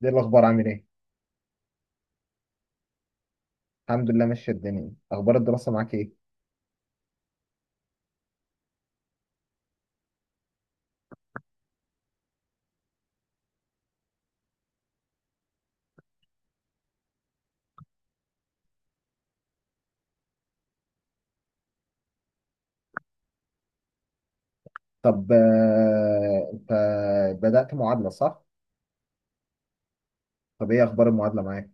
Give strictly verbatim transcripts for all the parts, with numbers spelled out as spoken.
دي الاخبار عامل ايه؟ الحمد لله، ماشيه الدنيا. اخبار الدراسه معاك ايه؟ طب، آه، انت بدات معادله صح؟ طب ايه اخبار المعادله معاك؟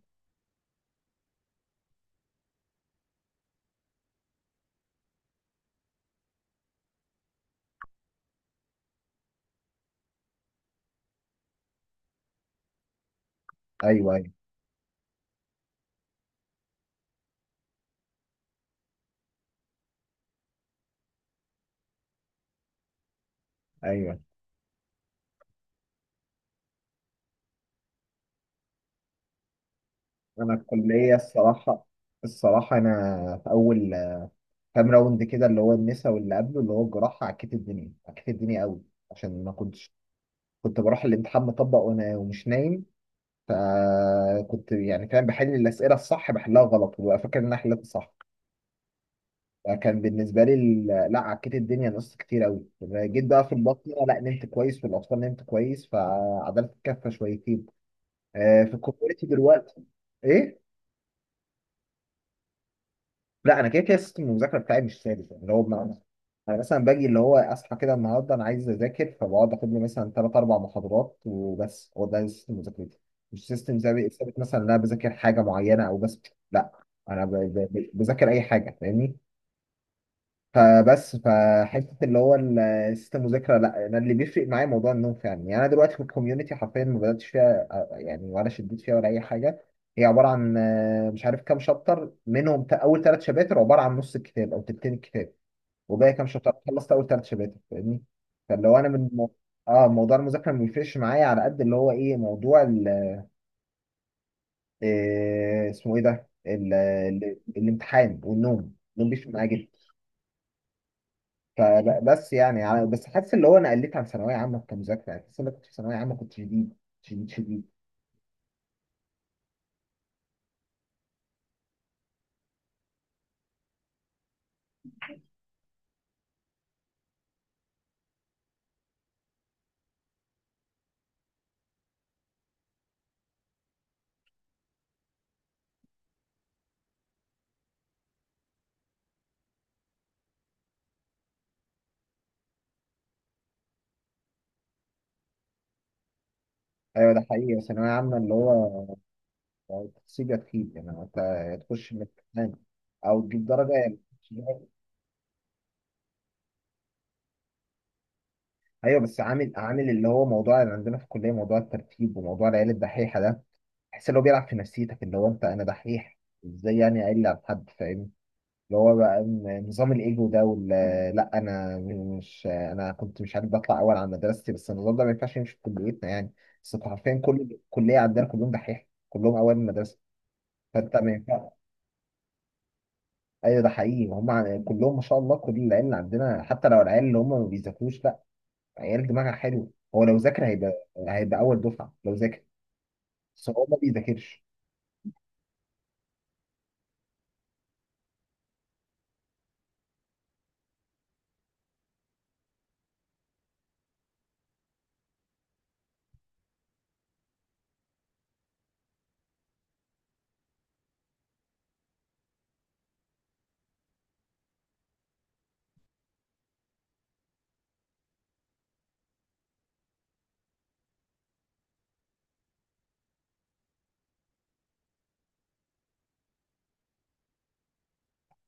ايوه ايوه ايوه. انا الكليه الصراحه، الصراحه انا في اول كام راوند كده، اللي هو النسا واللي قبله اللي هو الجراحه، عكيت الدنيا عكيت الدنيا قوي. عشان ما كنتش، كنت بروح الامتحان مطبق وانا ومش نايم. فكنت يعني فاهم بحل الاسئله الصح بحلها غلط وببقى فاكر ان انا حليت صح. فكان بالنسبه لي ال- لا، عكيت الدنيا نقصت كتير قوي. جيت بقى في البطنه، لا، نمت كويس. في الاطفال نمت كويس فعدلت الكفه شويتين. آه، في الكوميونتي دلوقتي. ايه؟ لا، انا كده كده سيستم المذاكره بتاعي مش ثابت، يعني اللي هو بمعنى، انا مثلا باجي اللي هو اصحى كده النهارده انا عايز اذاكر فبقعد اخد لي مثلا ثلاث اربع محاضرات وبس. هو ده سيستم مذاكرتي، مش سيستم ثابت ثابت مثلا ان انا بذاكر حاجه معينه او بس. لا، انا ب- ب- بذاكر اي حاجه فاهمني. فبس فحته اللي هو السيستم مذاكره، لا، انا اللي بيفرق معايا موضوع النوم فعلا. يعني انا دلوقتي في الكوميونتي حرفيا ما بداتش فيها، آه، يعني، ولا شديت فيها ولا اي حاجه. هي عباره عن آه، مش عارف كام شابتر منهم. تا- اول ثلاث شباتر عباره عن نص الكتاب او تلتين الكتاب، وباقي كام شابتر. خلصت اول ثلاث شباتر فاهمني. فلو انا من مو... اه، موضوع المذاكره ما بيفرقش معايا على قد اللي هو ايه موضوع ال، آه، اسمه ايه ده، ال، ال، الامتحان والنوم. النوم بيفرق معايا جدا. فبس يعني, يعني بس حاسس اللي هو انا قلت عن ثانويه عامه كمذاكره. يعني حاسس ان أنا كنت في ثانويه عامه كنت شديد شديد شديد. ايوه، ده حقيقي. ثانويه عامه اللي هو تسيب يا تخيب. يعني انت يا تخش من الامتحان او تجيب درجه يعني. ايوه، بس عامل عامل اللي هو موضوع اللي عندنا في الكليه، موضوع الترتيب وموضوع العيال الدحيحه ده. تحس ان هو بيلعب في نفسيتك اللي هو انت، انا دحيح ازاي يعني اقل على حد، فاهمني؟ اللي هو بقى ن- نظام الايجو ده وال، لا. انا م- مش، انا كنت مش عارف بطلع اول على مدرستي، بس النظام ده ما ينفعش يمشي في كليتنا يعني. بس انتوا حرفيا كل كليه عندنا كلهم دحيح، كلهم اوائل المدرسه، فانت ما ينفعش. ايوه، ده حقيقي، هم ع- كلهم ما شاء الله. كل العيال اللي عندنا حتى لو العيال اللي هم ما بيذاكروش، لا، عيال دماغها حلو. هو لو ذاكر هيبقى هيبقى اول دفعه لو ذاكر، بس هو ما بيذاكرش.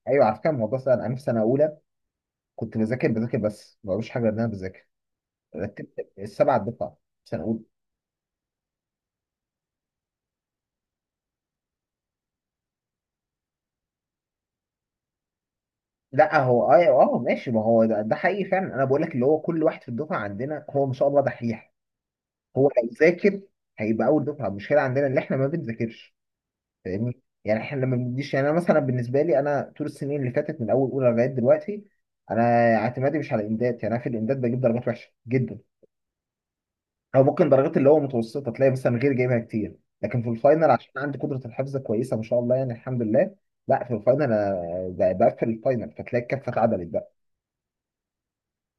ايوه، على فكره الموضوع سهل. انا في سنه اولى كنت بذاكر بذاكر بس ما بعملش حاجه غير ان انا بذاكر، رتبت السبع دفعه سنه اولى. لا، هو اه اه ماشي، ما هو ده, ده حقيقي فعلا. انا بقول لك اللي هو كل واحد في الدفعه عندنا هو ما شاء الله دحيح. هو لو ذاكر هيبقى اول دفعه. المشكله عندنا اللي احنا ما بنذاكرش، فاهمني؟ يعني احنا لما بنديش يعني، انا مثلا بالنسبه لي انا طول السنين اللي فاتت من اول اولى لغايه دلوقتي، انا اعتمادي مش على الامداد. يعني انا في الامداد بجيب درجات وحشه جدا، او ممكن درجات اللي هو متوسطه، تلاقي مثلا غير جايبها كتير. لكن في الفاينل، عشان عندي قدره الحفظ كويسه ما شاء الله يعني الحمد لله، لا، في الفاينل انا بقفل الفاينل فتلاقي الكفه اتعدلت،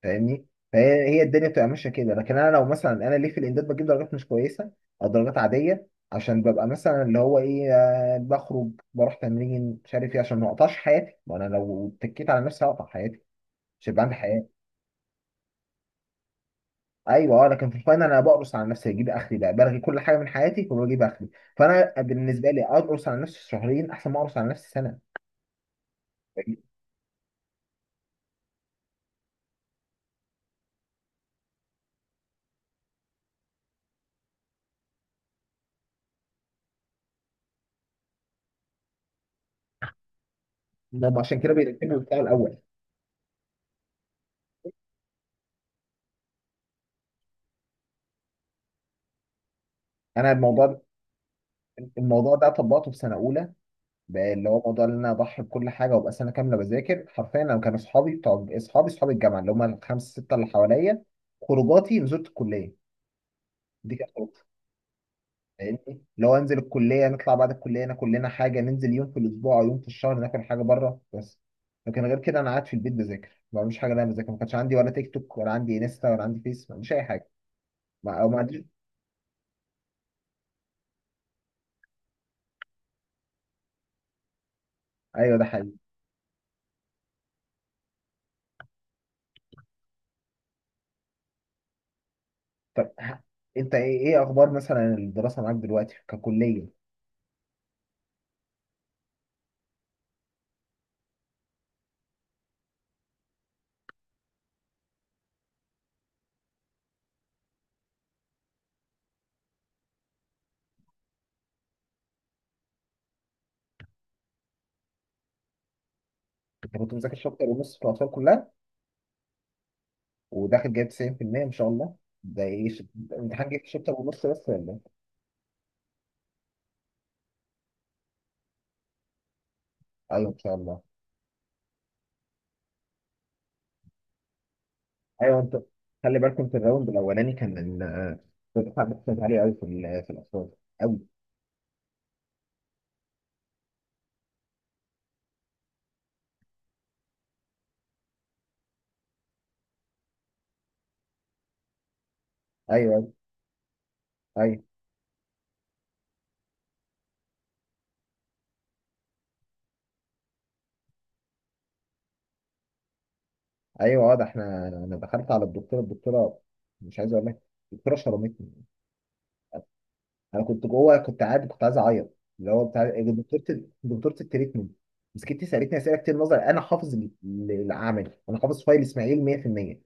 فاهمني؟ فهي، هي الدنيا بتبقى ماشيه كده. لكن انا لو مثلا، انا ليه في الامداد بجيب درجات مش كويسه او درجات عاديه؟ عشان ببقى مثلا اللي هو ايه، آه، بخرج، بروح تمرين، مش عارف ايه، عشان ما اقطعش حياتي. وانا لو اتكيت على نفسي هقطع حياتي، مش هيبقى عندي حياه. ايوه، اه. لكن في الفاينل انا بقرص على نفسي، اجيب اخري بقى، بلغي كل حاجه من حياتي وبجيب اخري. فانا بالنسبه لي، اقرص على نفسي شهرين احسن ما اقرص على نفسي سنه، فاهمني؟ هم عشان كده بيرتبوا بتاع الاول. انا الموضوع، الموضوع ده طبقته في سنه اولى، بقى اللي هو موضوع ان انا اضحي بكل حاجه وابقى سنه كامله بذاكر حرفيا. انا كانوا اصحابي، بتوع اصحابي اصحاب الجامعه، اللي هم الخمسه سته اللي حواليا، خروجاتي نزلت الكليه، دي كانت خروجتي، فاهمني؟ اللي هو انزل الكليه، نطلع بعد الكليه ناكل لنا حاجه، ننزل يوم في الاسبوع او يوم في الشهر ناكل حاجه بره بس. لكن غير كده انا قاعد في البيت بذاكر، ما بعملش حاجه إن انا بذاكر. ما كانش عندي ولا تيك توك، ولا عندي انستا، ولا عندي فيس، ما عنديش اي حاجه. ما او ما عنديش. ايوه، ده حقيقي. طب ه- انت ايه، ايه اخبار مثلا الدراسه معاك دلوقتي ككليه؟ انت كنت مذاكر شابتر ونص في الاطفال كلها، وداخل جايب تسعين في المية؟ ان شاء الله. ده ايه ش- الامتحان جايب شابتر ونص بس، ولا إيه؟ ايوه، ان شاء الله. ايوه، انت خلي بالكم في الراوند الاولاني كان ال- الدفعه بتاعت عاليه قوي في ال- في الاقسام قوي. ايوه ايوه ايوه، اه، ده احنا انا دخلت على الدكتوره، الدكتوره مش عايز اقول لك، الدكتوره شرمتني. انا كنت جوه، كنت قاعد، كنت عايز اعيط، اللي هو بتاع دكتوره ال- دكتوره التريتمنت، مسكتني سالتني اسئله كتير نظري. انا حافظ ال- العملي، انا حافظ فايل اسماعيل مية في المية،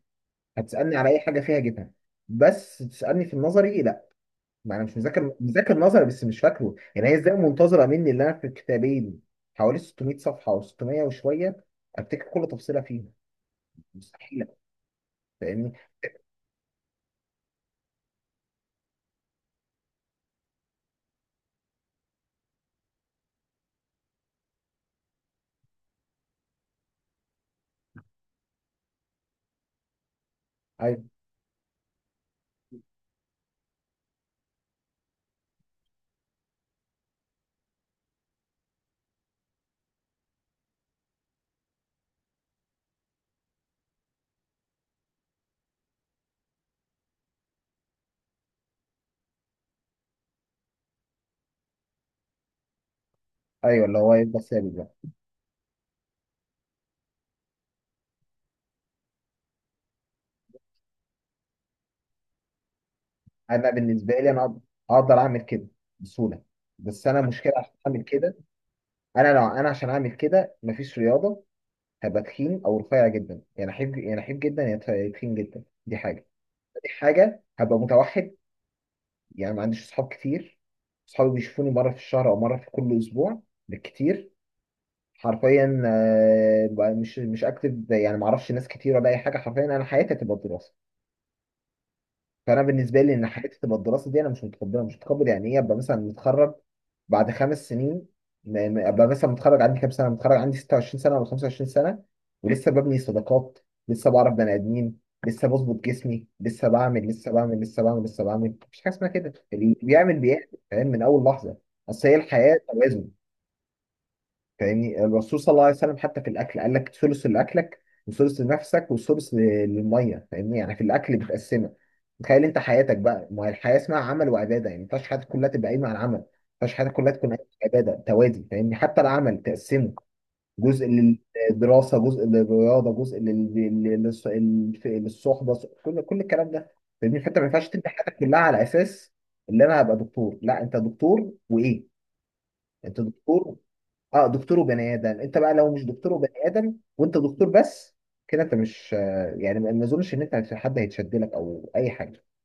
هتسألني على أي حاجة فيها أجيبها. بس تسألني في النظري لا، ما أنا مش مذاكر مذاكر نظري بس، مش فاكره. يعني هي إزاي منتظرة مني اللي أنا في كتابين حوالي ستمية صفحة أو ستمية وشوية أفتكر كل تفصيلة فيها؟ مستحيلة، فاهمني؟ أي- أيوه، اللي هو يفضل ثابت بقى. أنا بالنسبة لي أنا أقدر أعمل كده بسهولة. بس أنا المشكلة عشان أعمل كده، أنا لو أنا عشان أعمل كده مفيش رياضة، هبقى تخين أو رفيع جدا. يعني أحب، يعني أحب جدا يا تخين جدا، دي حاجة. دي حاجة هبقى متوحد، يعني ما عنديش اصحاب كتير. اصحابي بيشوفوني مره في الشهر او مره في كل اسبوع بالكتير. حرفيا، آه، بقى مش مش اكتب يعني، ما اعرفش ناس كتير ولا اي حاجه. حرفيا انا حياتي هتبقى الدراسه، فانا بالنسبه لي ان حياتي تبقى الدراسه دي انا مش متقبلها. مش متقبل يعني ايه ابقى مثلا متخرج بعد خمس سنين، ما- ما- ابقى مثلا متخرج عندي كام سنه، متخرج عندي ستة وعشرين سنه ولا خمسة وعشرين سنه، ولسه ببني صداقات، لسه بعرف بني ادمين، لسه بظبط جسمي، لسه بعمل لسه بعمل لسه بعمل لسه بعمل. مفيش حاجه اسمها كده. اللي بيعمل بيعمل، فاهم، من اول لحظه. اصل هي الحياه توازن، فاهمني؟ الرسول صلى الله عليه وسلم حتى في الاكل قال لك ثلث لاكلك وثلث لنفسك وثلث ل- للميه، فاهمني؟ يعني في الاكل بتقسمها. تخيل انت حياتك بقى، ما هي الحياه اسمها عمل وعباده. يعني ما ينفعش حياتك كلها تبقى قايمه على العمل، ما ينفعش حياتك كلها تكون قايمه على العباده، توازي فاهمني. حتى العمل تقسمه جزء للدراسه، جزء للرياضه، جزء لل- لل- للص- للف- للصحبه، كل كل الكلام ده، فاهمني؟ فانت ما ينفعش تبني حياتك كلها على اساس اللي انا هبقى دكتور. لا، انت دكتور وايه، انت دكتور. اه، دكتور وبني ادم. انت بقى لو مش دكتور وبني ادم وانت دكتور بس، كده انت مش آه، يعني، ما ما اظنش ان انت حد هيتشد لك او اي حاجه.